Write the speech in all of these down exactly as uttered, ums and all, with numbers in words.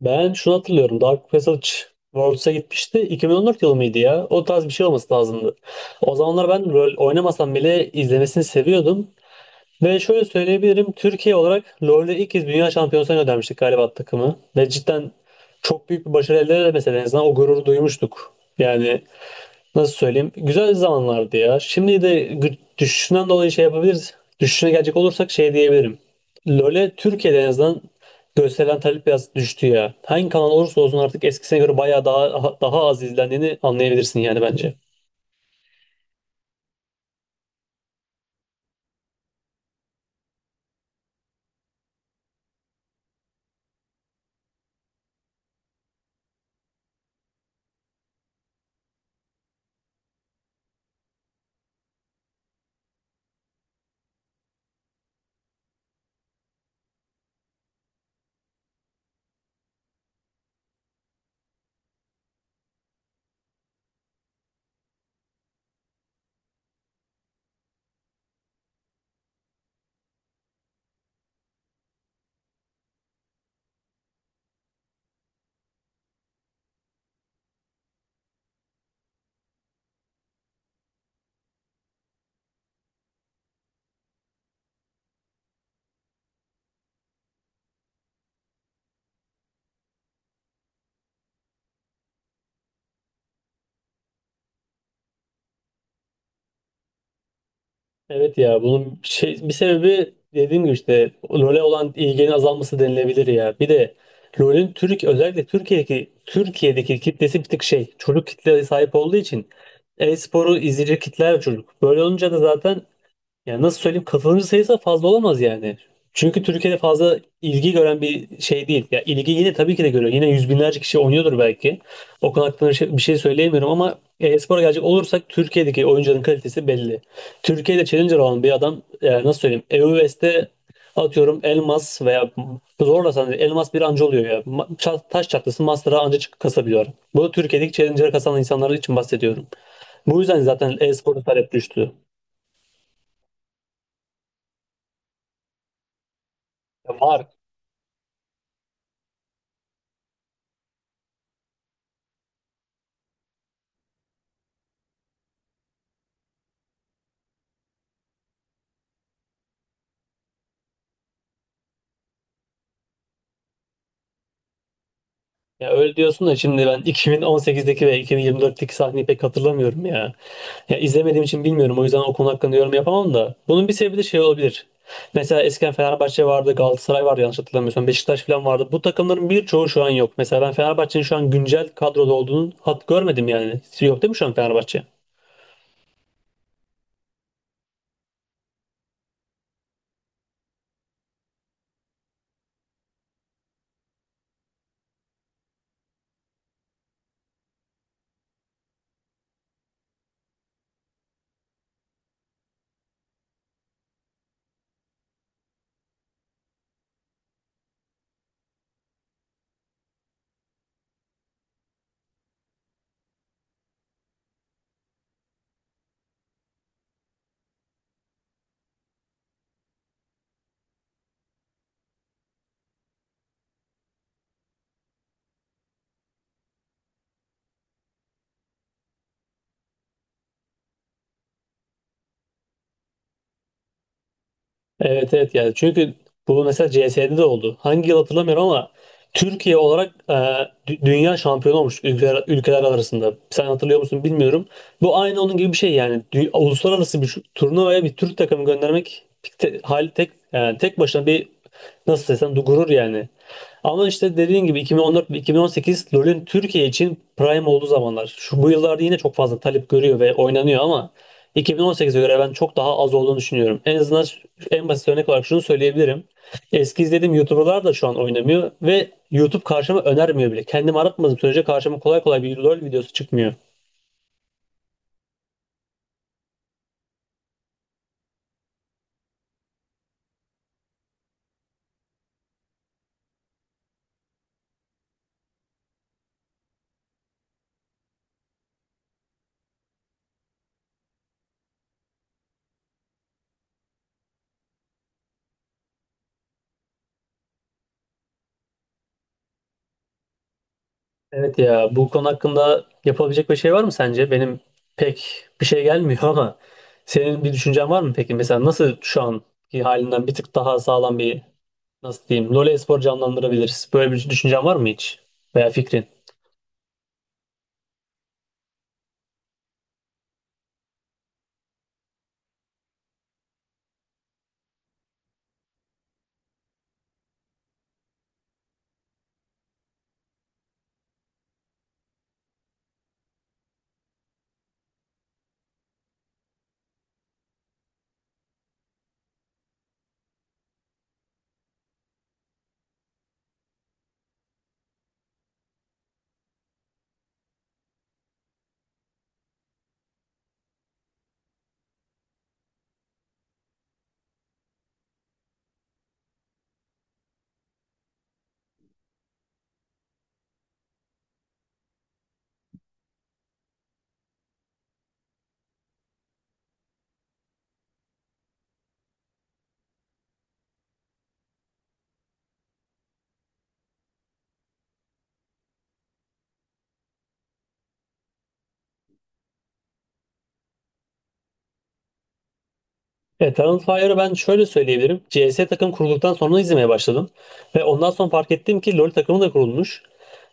Ben şunu hatırlıyorum. Dark Passage Worlds'a gitmişti. iki bin on dört yılı mıydı ya? O tarz bir şey olması lazımdı. O zamanlar ben rol oynamasam bile izlemesini seviyordum. Ve şöyle söyleyebilirim. Türkiye olarak LoL'de ilk kez dünya şampiyonasına göndermiştik galiba takımı. Ve cidden çok büyük bir başarı elde edemese de en azından o gururu duymuştuk. Yani nasıl söyleyeyim? Güzel zamanlardı ya. Şimdi de gü- düşüşünden dolayı şey yapabiliriz. Düşüşüne gelecek olursak şey diyebilirim. LoL'e Türkiye'de en azından gösterilen talep biraz düştü ya. Hangi kanal olursa olsun artık eskisine göre bayağı daha daha az izlendiğini anlayabilirsin yani bence. Evet ya bunun şey, bir sebebi dediğim gibi işte LoL'e olan ilginin azalması denilebilir ya. Bir de LoL'ün Türk özellikle Türkiye'deki Türkiye'deki kitlesi bir tık şey çocuk kitleye sahip olduğu için e-sporu izleyecek kitler çocuk. Böyle olunca da zaten yani nasıl söyleyeyim katılımcı sayısı fazla olamaz yani. Çünkü Türkiye'de fazla ilgi gören bir şey değil. Ya ilgi yine tabii ki de görüyor. Yine yüz binlerce kişi oynuyordur belki. O konu hakkında bir şey, bir şey söyleyemiyorum ama e-spora gelecek olursak Türkiye'deki oyuncuların kalitesi belli. Türkiye'de challenger olan bir adam e, nasıl söyleyeyim E U S'te atıyorum Elmas veya zorlasan Elmas bir anca oluyor ya. Ma- ça- Taş çatlası Master'a anca çık- kasabiliyor. Bu Türkiye'deki challenger'a kasan insanlar için bahsediyorum. Bu yüzden zaten e-spora talep düştü. Ya var. Ya öyle diyorsun da şimdi ben iki bin on sekizdeki ve iki bin yirmi dörtteki sahneyi pek hatırlamıyorum ya. Ya izlemediğim için bilmiyorum. O yüzden o konu hakkında yorum yapamam da. Bunun bir sebebi de şey olabilir. Mesela eskiden Fenerbahçe vardı, Galatasaray vardı yanlış hatırlamıyorsam. Beşiktaş falan vardı. Bu takımların birçoğu şu an yok. Mesela ben Fenerbahçe'nin şu an güncel kadroda olduğunu hat görmedim yani. Yok değil mi şu an Fenerbahçe? Evet, evet, yani çünkü bu mesela C S'de de oldu. Hangi yıl hatırlamıyorum ama Türkiye olarak e, dü- dünya şampiyonu olmuş ülkeler, ülkeler arasında. Sen hatırlıyor musun bilmiyorum. Bu aynı onun gibi bir şey yani. Dü- uluslararası bir şu- turnuvaya bir Türk takımı göndermek tek, hal tek yani tek başına bir nasıl desem du- gurur yani. Ama işte dediğin gibi iki bin on dört ve iki bin on sekiz LoL'ün Türkiye için prime olduğu zamanlar. Şu bu yıllarda yine çok fazla talep görüyor ve oynanıyor ama iki bin on sekize göre ben çok daha az olduğunu düşünüyorum. En azından ş- en basit örnek olarak şunu söyleyebilirim. Eski izlediğim YouTuber'lar da şu an oynamıyor ve YouTube karşıma önermiyor bile. Kendim aratmadığım sürece karşıma kolay kolay bir LoL videosu çıkmıyor. Evet ya bu konu hakkında yapabilecek bir şey var mı sence? Benim pek bir şey gelmiyor ama senin bir düşüncen var mı peki? Mesela nasıl şu anki halinden bir tık daha sağlam bir nasıl diyeyim LoL spor canlandırabiliriz? Böyle bir düşüncen var mı hiç? Veya fikrin? Eternal Fire'ı ben şöyle söyleyebilirim. C S takım kurulduktan sonra izlemeye başladım. Ve ondan sonra fark ettim ki LoL takımı da kurulmuş.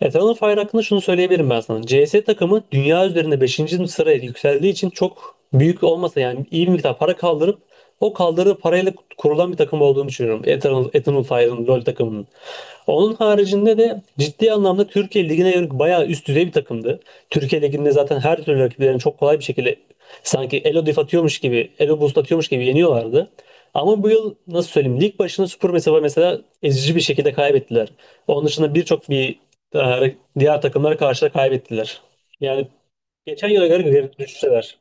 Eternal Fire hakkında şunu söyleyebilirim ben sana. C S takımı dünya üzerinde beşinci sıraya yükseldiği için çok büyük olmasa yani iyi bir miktar para kaldırıp o kaldırdığı parayla kurulan bir takım olduğunu düşünüyorum. Eternal, Eternal Fire'ın LoL takımının. Onun haricinde de ciddi anlamda Türkiye Ligi'ne yönelik bayağı üst düzey bir takımdı. Türkiye Ligi'nde zaten her türlü rakiplerini çok kolay bir şekilde sanki Elo Def atıyormuş gibi, Elo Boost atıyormuş gibi yeniyorlardı. Ama bu yıl nasıl söyleyeyim lig başına Super mesela mesela ezici bir şekilde kaybettiler. Onun dışında birçok bir e, diğer takımlara karşı da kaybettiler. Yani geçen yıla göre geri düşseler.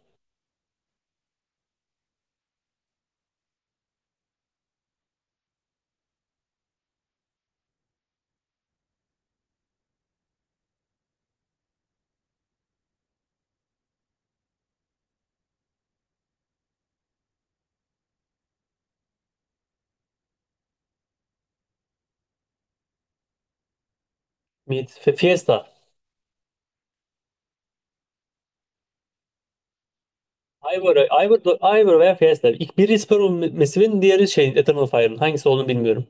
Mid, F- Fiesta. Ivor, Ivor, Ivor veya Fiesta. İlk biri Spur Mesiv'in diğeri şey Eternal Fire'ın. Hangisi olduğunu bilmiyorum.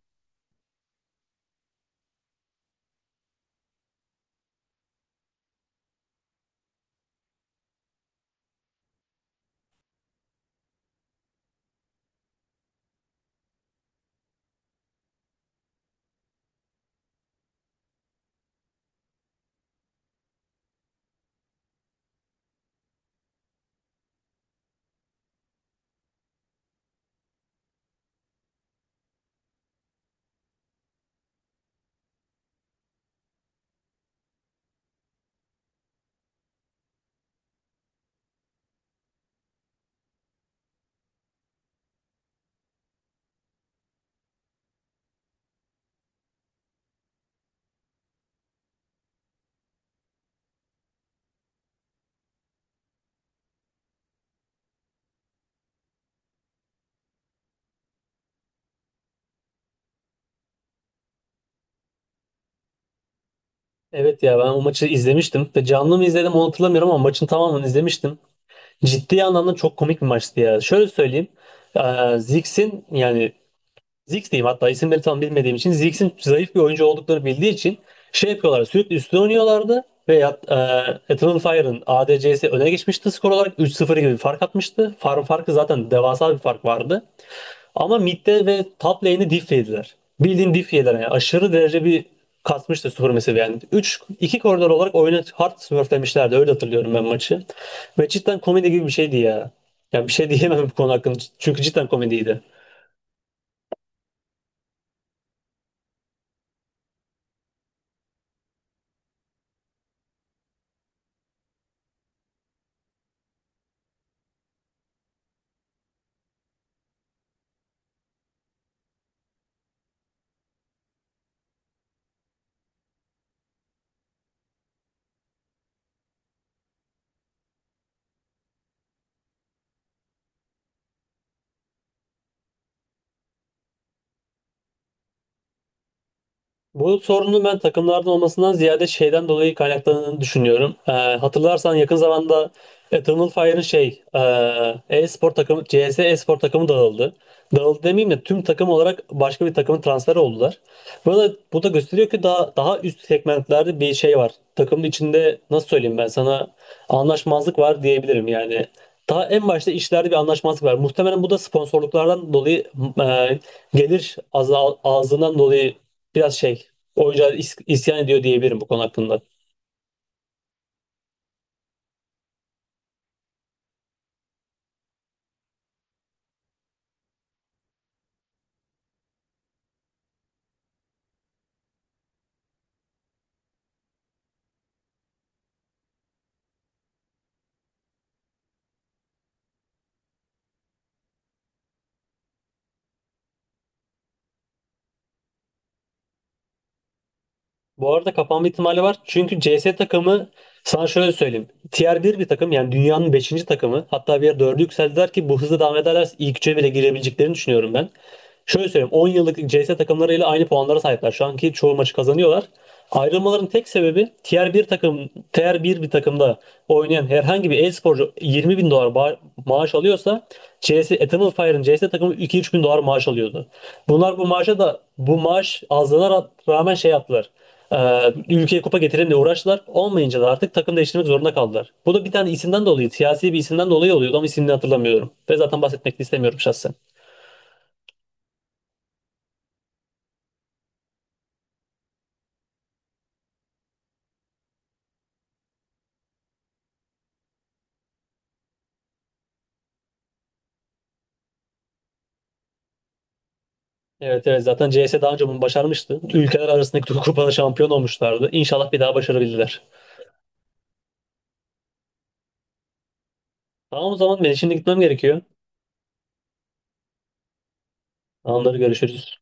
Evet ya ben o maçı izlemiştim. Ve canlı mı izledim onu hatırlamıyorum ama maçın tamamını izlemiştim. Ciddi anlamda çok komik bir maçtı ya. Şöyle söyleyeyim. Ee, Ziggs'in yani Ziggs diyeyim hatta isimleri tam bilmediğim için Ziggs'in zayıf bir oyuncu olduklarını bildiği için şey yapıyorlar sürekli üstüne oynuyorlardı ve yat- e, Eternal Fire'ın A D C'si öne geçmişti skor olarak üç sıfır gibi bir fark atmıştı. Farm farkı zaten devasa bir fark vardı. Ama midde ve top lane'i diff yediler. Bildiğin diff yediler yani aşırı derece bir kasmıştı Super Massive yani. üç iki koridor olarak oyunu hard smurflemişlerdi öyle hatırlıyorum ben maçı. Ve cidden komedi gibi bir şeydi ya. Yani bir şey diyemem bu konu hakkında çünkü cidden komediydi. Bu sorunun ben takımlardan olmasından ziyade şeyden dolayı kaynaklandığını düşünüyorum. Ee, hatırlarsan yakın zamanda Eternal Fire'ın şey e, e-spor takımı C S e-spor takımı dağıldı. Dağıldı demeyeyim de tüm takım olarak başka bir takımın transferi oldular. Bu da, bu da gösteriyor ki daha daha üst segmentlerde bir şey var. Takımın içinde nasıl söyleyeyim ben sana anlaşmazlık var diyebilirim yani. Daha en başta işlerde bir anlaşmazlık var. Muhtemelen bu da sponsorluklardan dolayı e, gelir azal, azlığından dolayı biraz şey oyuncular is- isyan ediyor diyebilirim bu konu hakkında. Bu arada kapanma ihtimali var. Çünkü C S takımı sana şöyle söyleyeyim. Tier 1 bir takım yani dünyanın beşinci takımı. Hatta bir yer dörde yükseldiler ki bu hızla devam ederlerse ilk üçe bile girebileceklerini düşünüyorum ben. Şöyle söyleyeyim on yıllık C CS takımlarıyla aynı puanlara sahipler. Şu anki çoğu maçı kazanıyorlar. Ayrılmaların tek sebebi Tier bir takım Tier 1 bir takımda oynayan herhangi bir e-sporcu yirmi bin dolar ba- maaş alıyorsa C S Eternal Fire'ın C S takımı iki üç bin dolar maaş alıyordu. Bunlar bu maaşa da bu maaş azlığına ra- rağmen şey yaptılar. Ee, ülkeye kupa getirelim diye uğraştılar. Olmayınca da artık takım değiştirmek zorunda kaldılar. Bu da bir tane isimden dolayı, siyasi bir isimden dolayı oluyordu ama isimini hatırlamıyorum. Ve zaten bahsetmek de istemiyorum şahsen. Evet, evet, zaten C S daha önce bunu başarmıştı. Ülkeler arasındaki kupada şampiyon olmuşlardı. İnşallah bir daha başarabilirler. Tamam, o zaman ben şimdi gitmem gerekiyor. Anları görüşürüz.